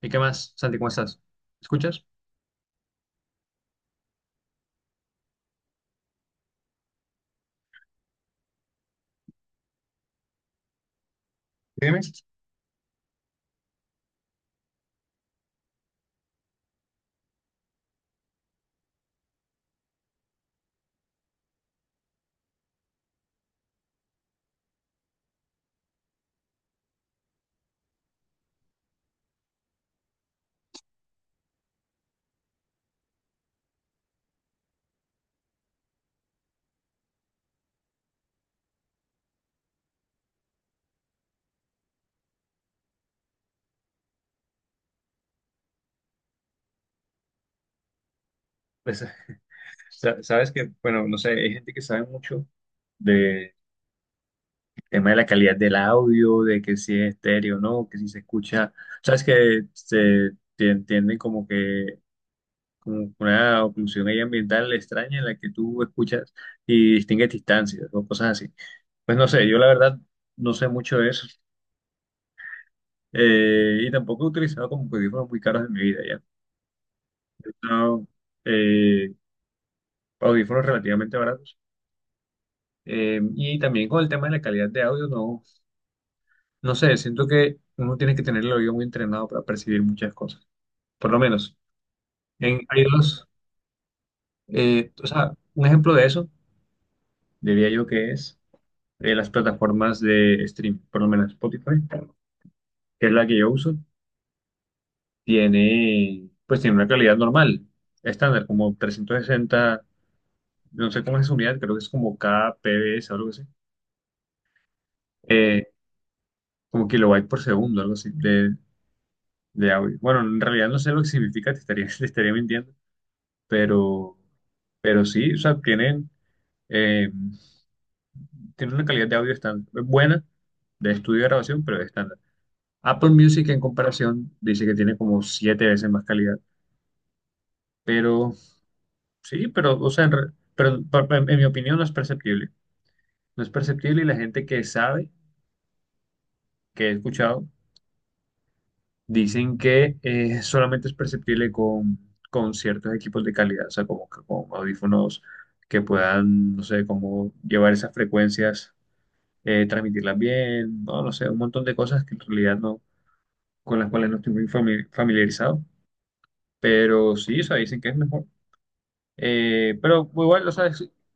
¿Y qué más, Santi? ¿Cómo estás? ¿Escuchas? Dime, pues, sabes que, bueno, no sé, hay gente que sabe mucho del tema de la calidad del audio, de que si es estéreo o no, que si se escucha, sabes que se te entienden como que como una oclusión ahí ambiental extraña en la que tú escuchas y distingues distancias o cosas así. Pues no sé, yo la verdad no sé mucho de eso, y tampoco he utilizado como audífonos muy caros en mi vida, ¿ya? No, eh, audífonos relativamente baratos. Y también con el tema de la calidad de audio, no, no sé, siento que uno tiene que tener el oído muy entrenado para percibir muchas cosas. Por lo menos, hay o sea, un ejemplo de eso diría yo que es, las plataformas de stream, por lo menos Spotify, que es la que yo uso, tiene, pues tiene una calidad normal, estándar, como 360, no sé cómo es esa unidad, creo que es como kbps o algo así. Eh, Como kilobyte por segundo, algo así, de audio. Bueno, en realidad no sé lo que significa, te estaría, te estaría mintiendo, pero, pero sí, o sea, tienen, eh, tienen una calidad de audio estándar, buena, de estudio de grabación, pero estándar. Apple Music en comparación dice que tiene como siete veces más calidad, pero sí, pero, o sea, en, pero, en mi opinión no es perceptible. No es perceptible y la gente que sabe, que he escuchado, dicen que solamente es perceptible con ciertos equipos de calidad, o sea, como que con audífonos que puedan, no sé, como llevar esas frecuencias, transmitirlas bien, no, no sé, un montón de cosas que en realidad no, con las cuales no estoy muy familiarizado, pero sí, o sea, dicen que es mejor. Pero igual, lo sabes,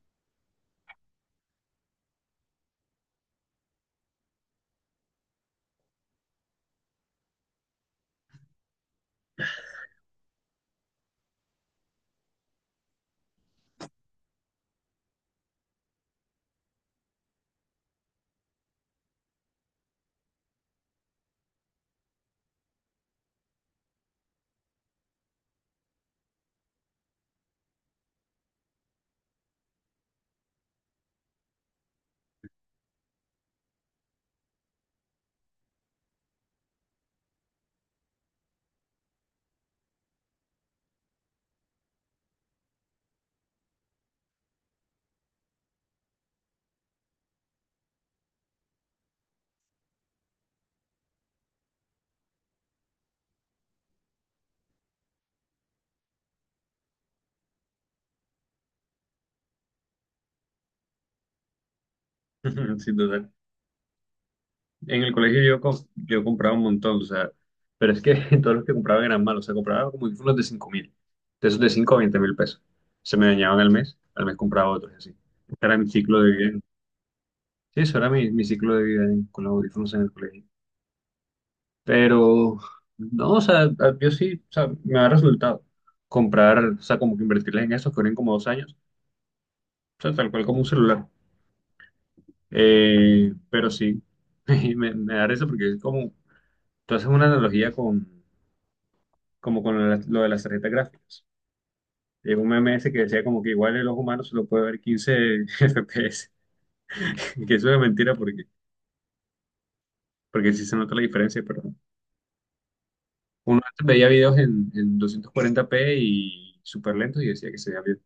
sin duda. En el colegio yo, yo compraba un montón, o sea, pero es que todos los que compraban eran malos, o sea, compraba como unos de 5 mil, de esos de 5 a 20 mil pesos. Se me dañaban al mes compraba otros, y así. Este era mi ciclo de vida. Sí, eso era mi ciclo de vida con los audífonos en el colegio. Pero, no, o sea, yo sí, o sea, me ha resultado comprar, o sea, como que invertirles en esos que duren como 2 años, o sea, tal cual como un celular. Pero sí, me da risa porque es como, tú haces una analogía con, como con lo de las, lo de las tarjetas gráficas. Llegó un meme ese que decía como que igual el ojo humano solo puede ver 15 FPS, que eso es mentira porque, porque sí se nota la diferencia, pero uno antes veía videos en 240p y súper lentos y decía que se veía bien.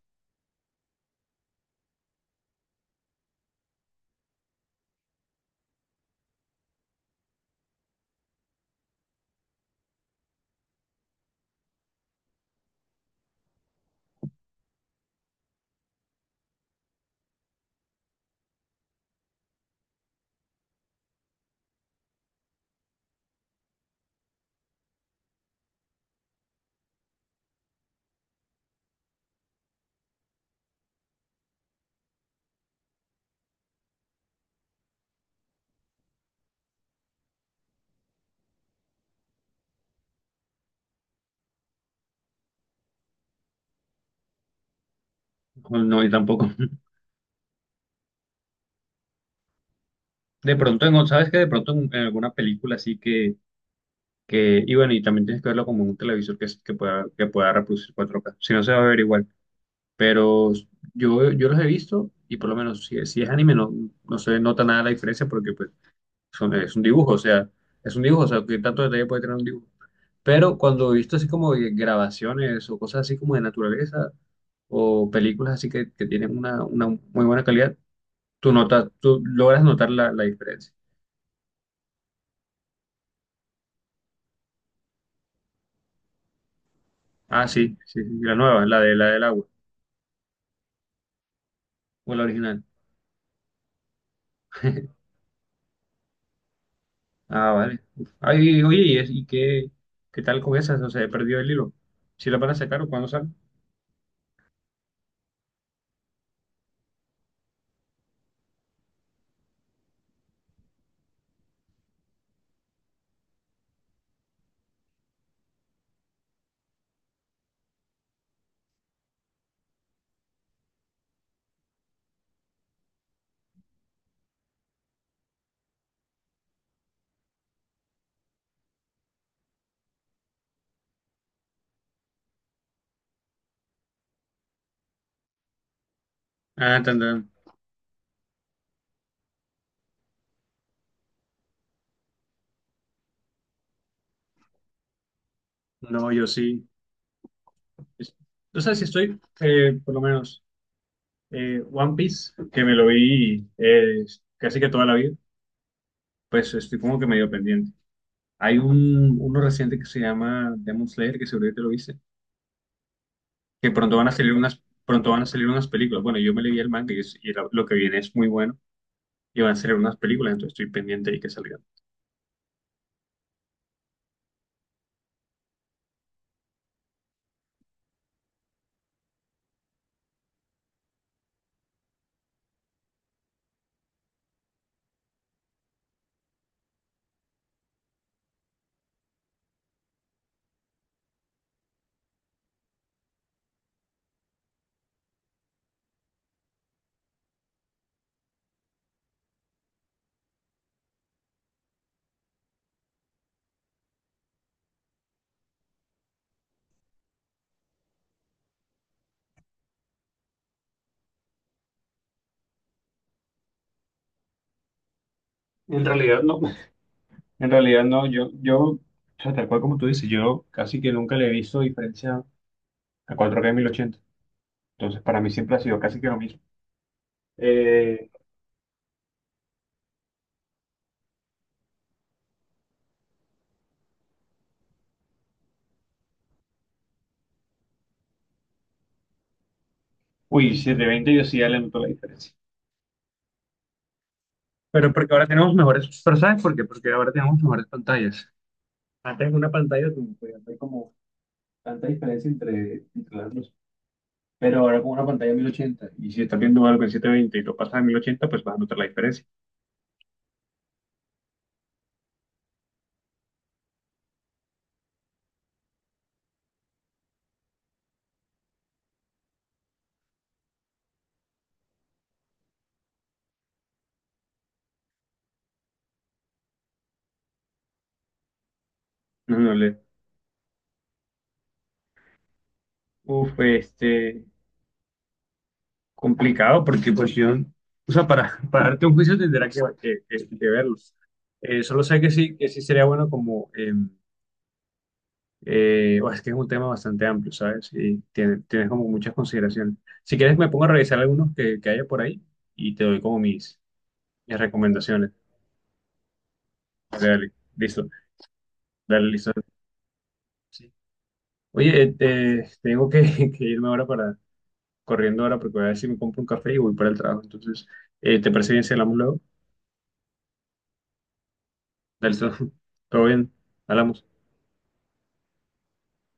No, no, y tampoco. De pronto, en, ¿sabes qué? De pronto en alguna película así que, y bueno, y también tienes que verlo como en un televisor que, que pueda reproducir 4K, si no se va a ver igual, pero... Yo los he visto y por lo menos si, si es anime no, no se nota nada la diferencia porque pues es un dibujo, o sea, es un dibujo, o sea, que tanto detalle puede tener un dibujo. Pero cuando he visto así como de grabaciones o cosas así como de naturaleza o películas así que tienen una muy buena calidad, tú notas, tú logras notar la, la diferencia. Ah, sí, sí, sí, la nueva, la de la del agua, o la original. Ah, vale. Uf. Ay, oye, ¿y, y qué, qué tal con esas? O sea, he perdido el hilo. ¿Si la van a sacar o cuándo sale? Ah, tan, tan. No, yo sí. Es- O sea, si estoy, por lo menos. One Piece, que me lo vi, casi que toda la vida, pues estoy como que medio pendiente. Hay un, uno reciente que se llama Demon Slayer, que seguro que te lo viste, que pronto van a salir unas, pronto van a salir unas películas. Bueno, yo me leí el manga y, y lo que viene es muy bueno y van a salir unas películas, entonces estoy pendiente y que salgan. En realidad no, en realidad no, yo, o sea, tal cual como tú dices, yo casi que nunca le he visto diferencia a 4K 1080. Entonces para mí siempre ha sido casi que lo mismo. Eh, uy, 720 yo sí ya le noto la diferencia. Pero porque ahora tenemos mejores, pero ¿sabes por qué? Porque ahora tenemos mejores pantallas. Antes una pantalla como podía haber como tanta diferencia entre, entre las dos. Pero ahora con una pantalla de 1080 y si estás viendo algo en 720 y lo pasas a 1080 pues vas a notar la diferencia. No, no le... Uf, este, complicado porque pues yo, o sea, para darte un juicio tendrá que, que verlos. Solo sé que sí sería bueno como... em, O es que es un tema bastante amplio, ¿sabes? Y tienes como muchas consideraciones. Si quieres, me pongo a revisar algunos que haya por ahí y te doy como mis, mis recomendaciones. Dale, dale, listo. Dale, listo. Sí. Oye, tengo que, que irme ahora para, corriendo ahora porque voy a ver si me compro un café y voy para el trabajo. Entonces, ¿te parece bien si hablamos luego? Dale, listo. Todo bien, hablamos.